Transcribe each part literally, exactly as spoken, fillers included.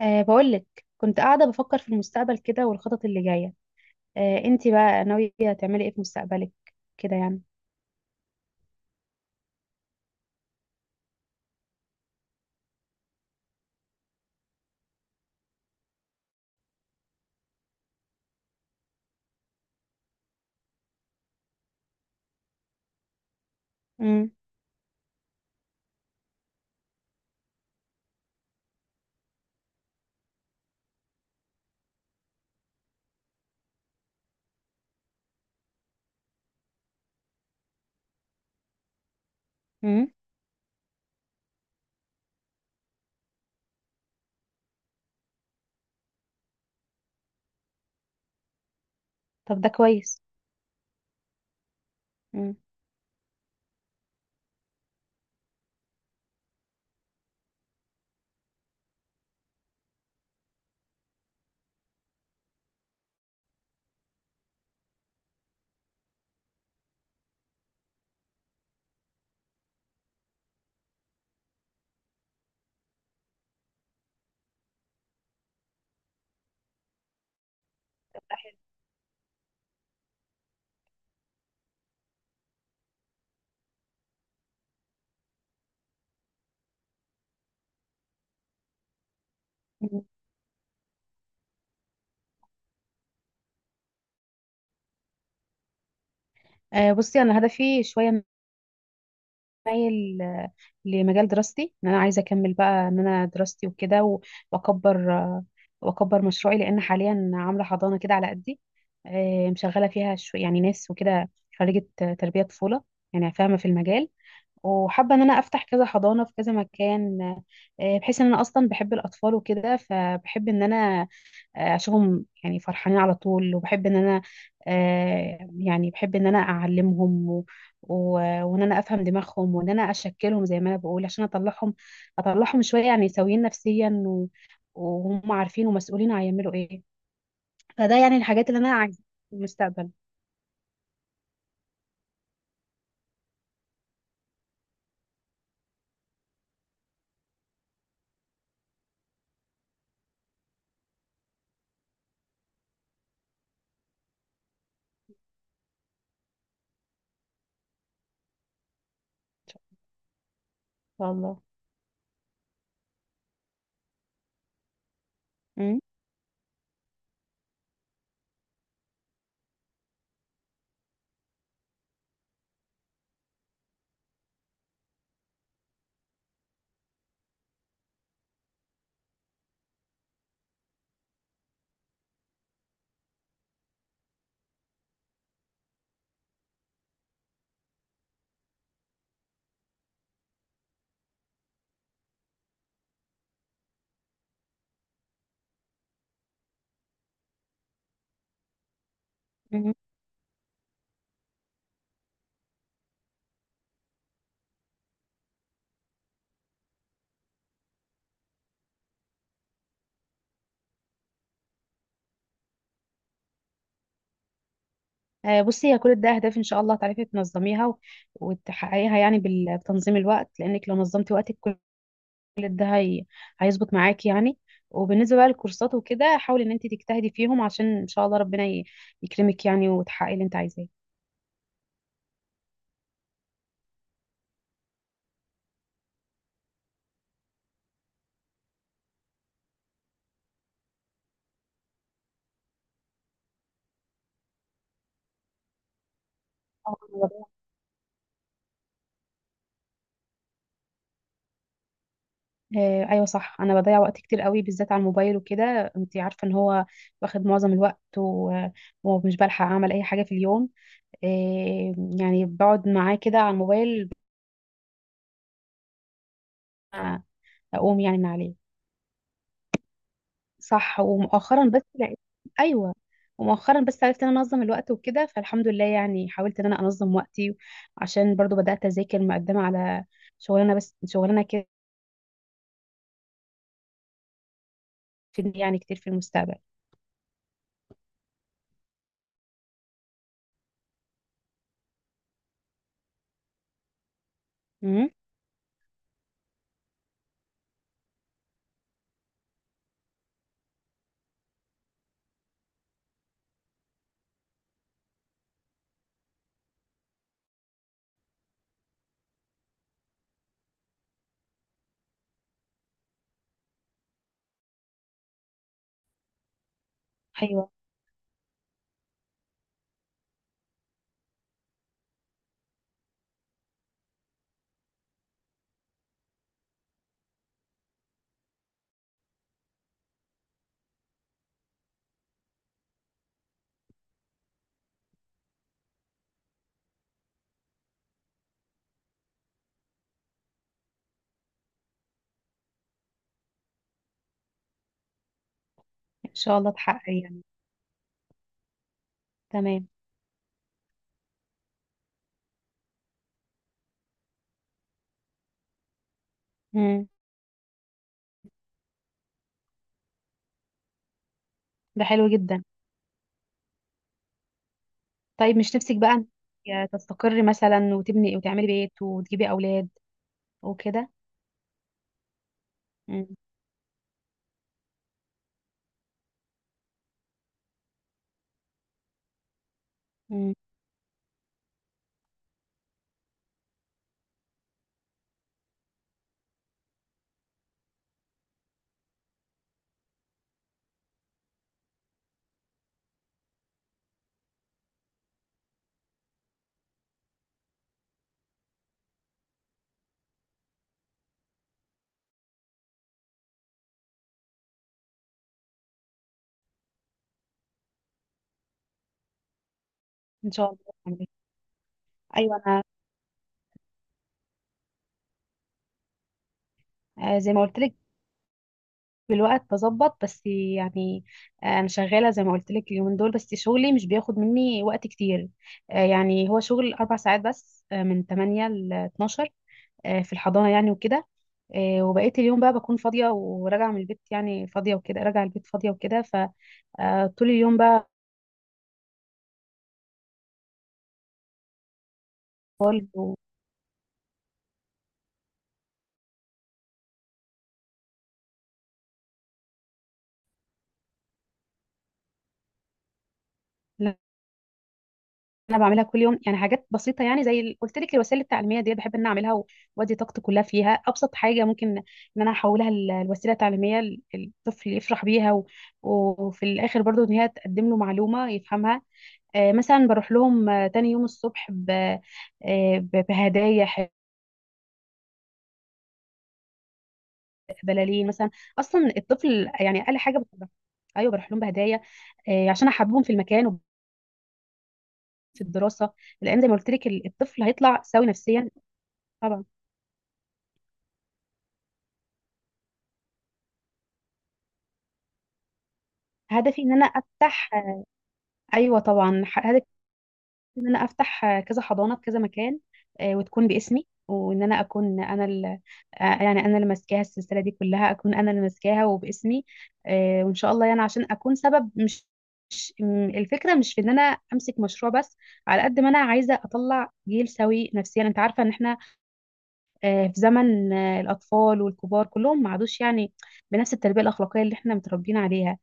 أه بقولك كنت قاعدة بفكر في المستقبل كده والخطط اللي جاية. أه انتي بقى ناوية تعملي ايه في مستقبلك؟ كده يعني. امم امم طب ده كويس. امم طب ده حلو. مم. أه بصي انا هدفي شوية مايل آه، لمجال دراستي، ان انا عايزة اكمل بقى ان انا دراستي وكده و- واكبر آه، واكبر مشروعي، لان حاليا عاملة حضانة كده على قدي. أه مشغلة فيها شو يعني ناس وكده. خريجة آه، تربية طفولة، يعني فاهمة في المجال، وحابة ان انا افتح كذا حضانة في كذا مكان، آه، بحيث ان انا اصلا بحب الاطفال وكده، فبحب ان انا آه، اشوفهم يعني فرحانين على طول، وبحب ان انا آه، يعني بحب ان انا اعلمهم و... و... وان انا افهم دماغهم، وان انا اشكلهم زي ما انا بقول، عشان اطلعهم اطلعهم شوية يعني سويين نفسيا و... وهم عارفين ومسؤولين هيعملوا ايه. فده يعني الحاجات اللي انا عايزة في المستقبل ان شاء الله. م- م. آه، بصي هي كل ده اهداف، ان شاء الله تعرفي تنظميها و- وتحققيها يعني بال- بتنظيم الوقت، لانك لو نظمتي وقتك كل ده هي... هيظبط معاكي يعني. وبالنسبه بقى للكورسات وكده، حاولي ان انت تجتهدي فيهم عشان ان شاء الله ربنا ي- يكرمك يعني، وتحققي اللي انت عايزاه. أو أنا بضيع. آه، ايوه صح، انا بضيع وقت كتير قوي، بالذات على الموبايل وكده، انت عارفه ان هو واخد معظم الوقت و- ومش بلحق اعمل اي حاجه في اليوم. آه، يعني بقعد معاه كده على الموبايل. آه، اقوم يعني من عليه. صح. ومؤخرا بس لقيت. ايوه. ومؤخرا بس عرفت ان انا انظم الوقت وكده، فالحمد لله يعني حاولت ان انا انظم وقتي، عشان برضو بدات اذاكر مقدمه على شغلانه، بس شغلانه كده تفيدني يعني كتير في المستقبل. امم ايوه ان شاء الله تحقق يعني. تمام. امم ده حلو جدا. طيب مش نفسك بقى إنك تستقري مثلا، وتبني وتعملي بيت، وتجيبي اولاد وكده؟ امم امم ان شاء الله تعملي. ايوه انا، آه، زي ما قلت لك بالوقت بظبط بس يعني. آه، انا شغاله زي ما قلت لك اليومين دول، بس شغلي مش بياخد مني وقت كتير. آه، يعني هو شغل اربع ساعات بس، آه، من تمانية ل اتناشر آه، في الحضانه يعني وكده. آه، وبقيت اليوم بقى بكون فاضيه وراجعه من البيت، يعني فاضيه وكده، راجعه البيت فاضيه وكده. فطول اليوم بقى طالب. انا بعملها كل يوم يعني، حاجات بسيطه يعني، زي ال- قلت لك الوسائل التعليميه دي بحب ان أنا اعملها و- وادي طاقتي كلها فيها. ابسط حاجه ممكن ان انا احولها ل- لوسيله تعليميه ال- الطفل يفرح بيها و... وفي الاخر برضو ان هي تقدم له معلومه يفهمها. آه مثلا بروح لهم آه، تاني يوم الصبح ب... آه ب- بهدايا، ح- بلالين مثلا. اصلا الطفل يعني اقل حاجه بتبقى. ايوه بروح لهم بهدايا، آه عشان احببهم في المكان وفي الدراسه، لان زي ما قلت لك ال- الطفل هيطلع سوي نفسيا. طبعا. هدفي ان انا افتح. ايوه طبعا، ح- هدف ان انا افتح كذا حضانه في كذا مكان، آه، وتكون باسمي، وان انا اكون انا ال- آه، يعني انا اللي ماسكاها، السلسله دي كلها اكون انا اللي ماسكاها وباسمي، آه، وان شاء الله يعني، عشان اكون سبب. مش مش- م- الفكره مش في ان انا امسك مشروع بس، على قد ما انا عايزه اطلع جيل سوي نفسيا. انت عارفه ان احنا آه، في زمن آه، الاطفال والكبار كلهم ما عادوش يعني بنفس التربيه الاخلاقيه اللي احنا متربيين عليها.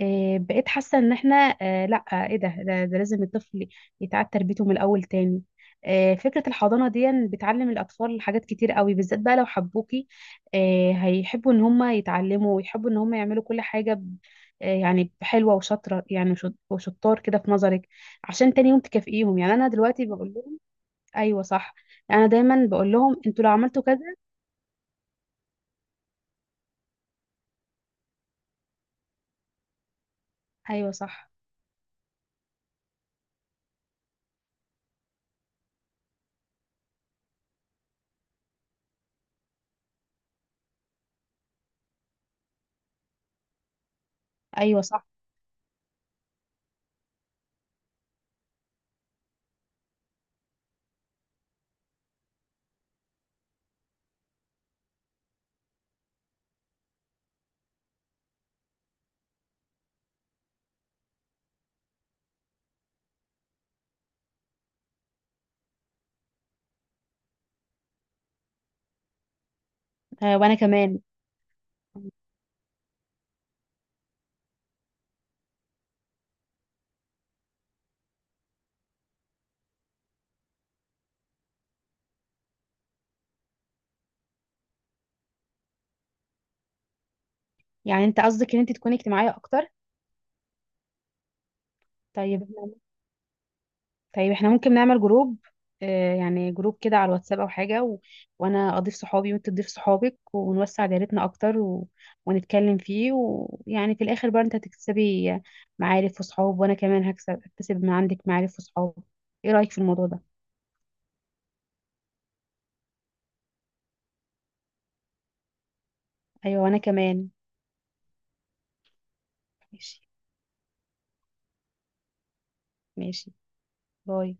آه، بقيت حاسة ان احنا آه، لا، آه، ايه ده، ده, ده لازم الطفل يتعاد تربيته من الاول تاني. آه، فكرة الحضانة دي بتعلم الأطفال حاجات كتير قوي، بالذات بقى لو حبوكي آه، هيحبوا إن هم يتعلموا، ويحبوا إن هم يعملوا كل حاجة ب- آه، يعني حلوة وشاطرة يعني، وشط- وشطار كده في نظرك، عشان تاني يوم تكافئيهم. يعني أنا دلوقتي بقول لهم. أيوة صح. أنا دايما بقول لهم أنتوا لو عملتوا كذا. أيوة صح. أيوة صح. آه، وأنا كمان. يعني أنت قصدك إن أنت تكوني اجتماعية أكتر؟ طيب. طيب احنا ممكن نعمل جروب، آه، يعني جروب كده على الواتساب او حاجه، و... وانا اضيف صحابي وانت تضيف صحابك، ونوسع دايرتنا اكتر و... ونتكلم فيه، ويعني في الاخر بقى انت هتكسبي معارف وصحاب، وانا كمان هكسب اكتسب من عندك معارف وصحاب. ايه رايك في الموضوع ده؟ ايوه وانا كمان. ماشي. ماشي. باي.